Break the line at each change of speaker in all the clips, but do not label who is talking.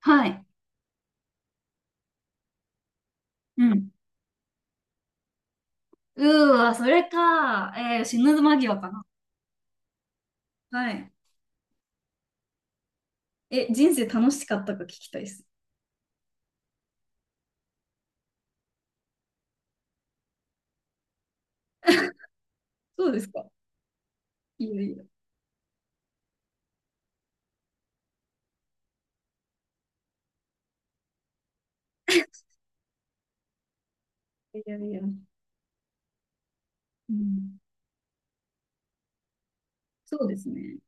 はい。うん。うーわ、それか。死ぬ間際かな。はい。人生楽しかったか聞きたいです。そうですか。いやいや。いやいや。うん。そうですね。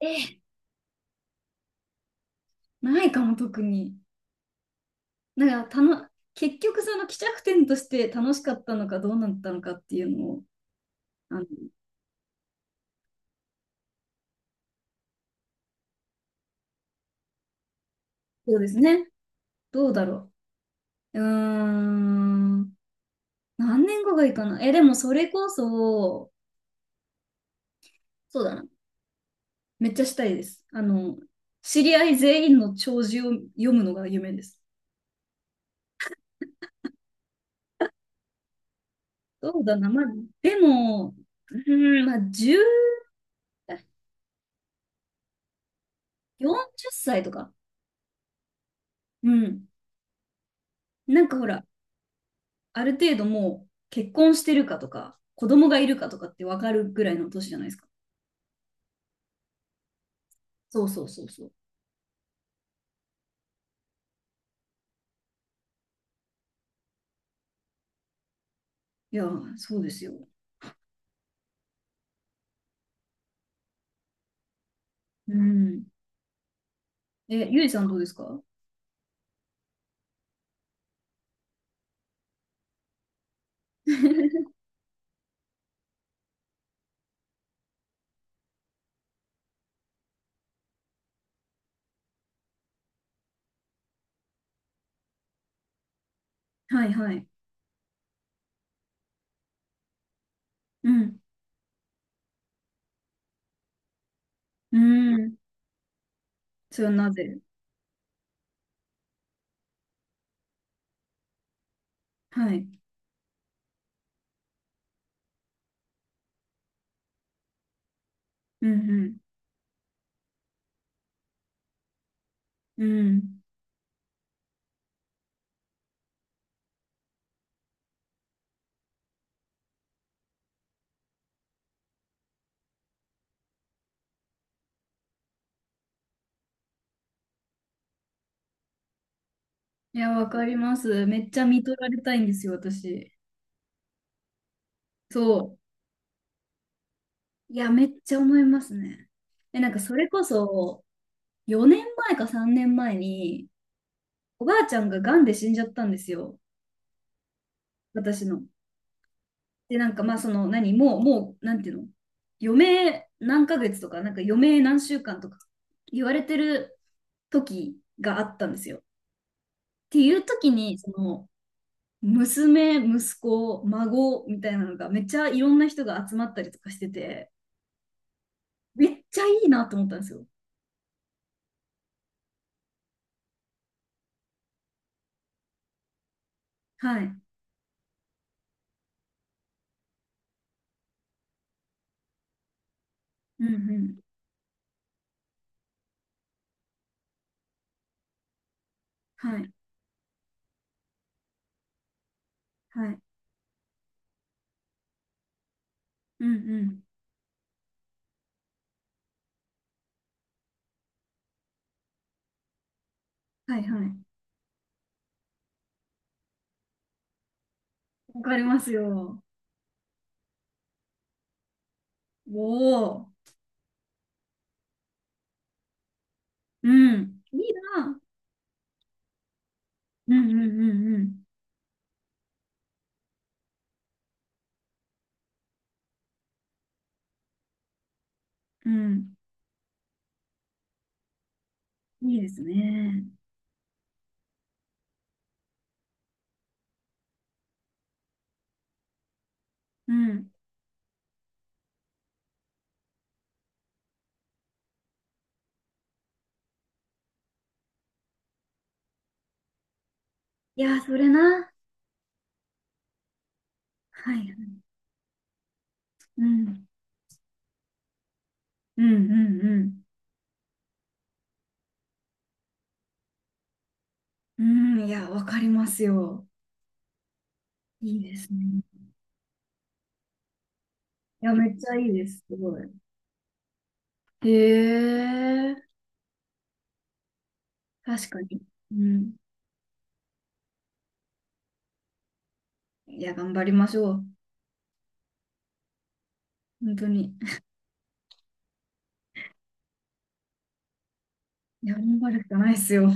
えないかも、特に。なんか、結局、その、帰着点として楽しかったのか、どうなったのかっていうのを、あの、そうですね。どうだろう。うーん。何年後がいいかな。え、でも、それこそ、そうだな。めっちゃしたいです。あの、知り合い全員の弔辞を読むのが夢です。そうだな、まあ、でも、うーん、まあ、10、40歳とか。うん。なんかほら、ある程度もう結婚してるかとか、子供がいるかとかって分かるぐらいの年じゃないですか。そうそうそうそう。いやー、そうですよ。うん。え、ゆいさんどうですか？ はいはい。うん。うん。それはなぜ？はい。うんうん。うん。いや、わかります。めっちゃ見とられたいんですよ、私。そう。いや、めっちゃ思いますね。え、なんかそれこそ、4年前か3年前に、おばあちゃんが癌で死んじゃったんですよ、私の。で、なんかまあ、その、何、もう、もう、なんていうの、余命何ヶ月とか、なんか余命何週間とか言われてる時があったんですよ。っていう時に、その、娘、息子、孫みたいなのがめっちゃいろんな人が集まったりとかしてて、めっちゃいいなと思ったんですよ。はい。うんうん。はい。はい。うんうん。はいはい。わかりますよ。おお。うん。いいな。うんうんうんうん。うん。いいですね。うん。いやー、それな。はい。うん。うんうんうん。うん。いや、わかりますよ。いいですね。いや、めっちゃいいです。すごい。へえ。確かに。うん。いや、頑張りましょう。本当に。いや、頑張るしかないですよ。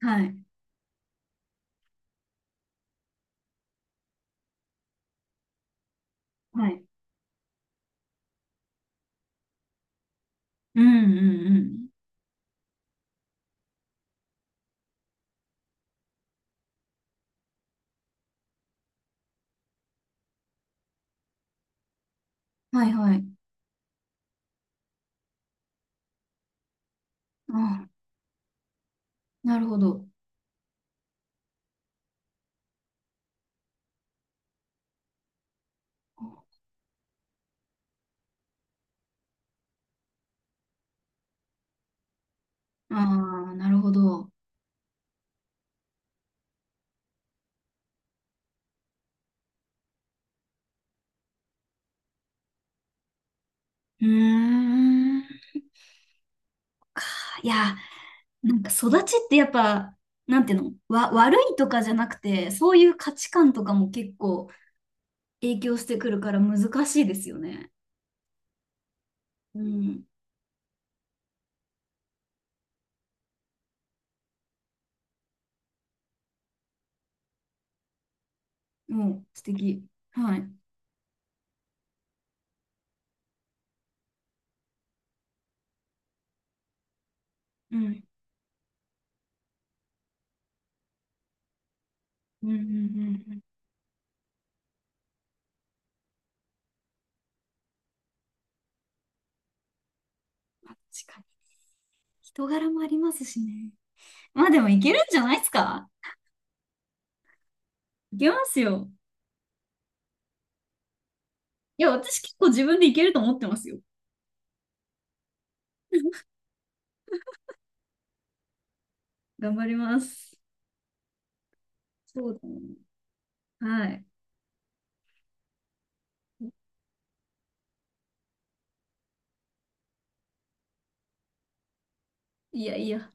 はい。はい。うんうんうん。はいはい。あ、なるほど。ああ、なるほど。うーん。いや、なんか育ちってやっぱ、なんていうの、悪いとかじゃなくて、そういう価値観とかも結構影響してくるから難しいですよね。うん。もう素敵。はい。うん。うんうんうんうん。まあ確かに。人柄もありますしね。まあでもいけるんじゃないですか？いけますよ。いや、私結構自分でいけると思ってますよ。頑張ります。そうだね。はい。いやいや、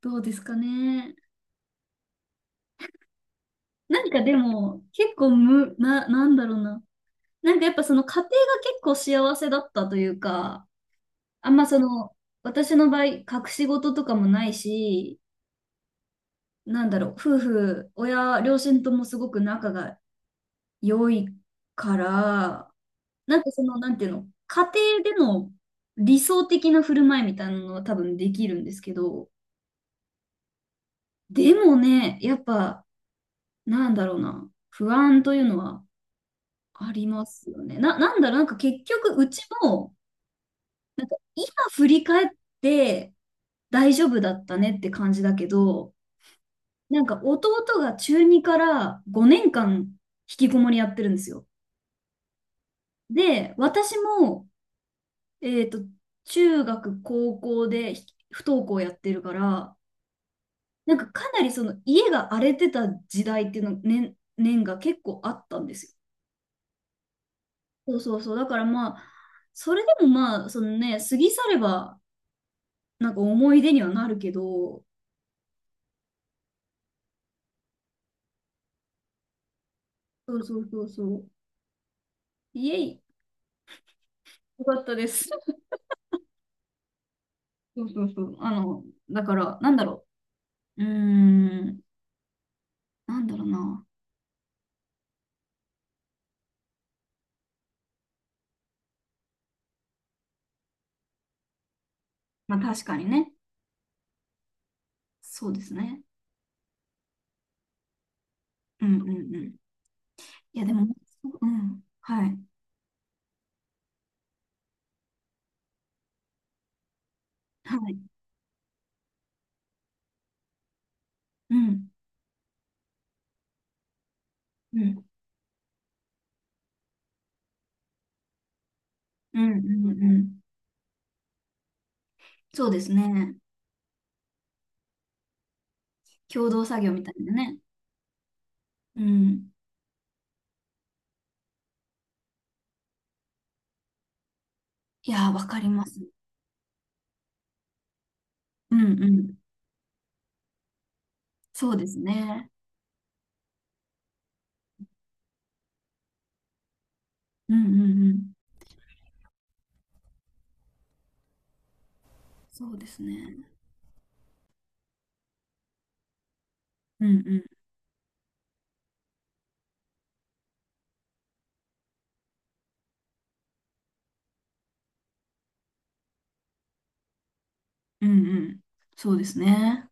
どうですかね。何かでも、結構む、な、なんだろうな。なんかやっぱその家庭が結構幸せだったというか、あんまその、私の場合、隠し事とかもないし、なんだろう、夫婦、親、両親ともすごく仲が良いから、なんかその、なんていうの、家庭での理想的な振る舞いみたいなのは多分できるんですけど、でもね、やっぱ、なんだろうな、不安というのはありますよね。なんだろう、なんか結局、うちも、今振り返って大丈夫だったねって感じだけど、なんか弟が中2から5年間引きこもりやってるんですよ。で、私も、えっと、中学、高校で不登校やってるから、なんかかなりその家が荒れてた時代っていうの年が結構あったんですよ。そうそうそう。だからまあ、それでもまあ、そのね、過ぎ去ればなんか思い出にはなるけど、そうそうそうそう。イエイ、よかったです。そうそうそう。あの、だから、なんだろう。うーん、なんだろうな。まあ確かにね。そうですね。うんうんうん。いやでも、うん。はい。はい。うん。うん。うんうんうん。そうですね。共同作業みたいなね。うん。いやー、わかります。うんうん。そうですね。うんうんうん。そうですね。うんうん。うんうん。そうですね。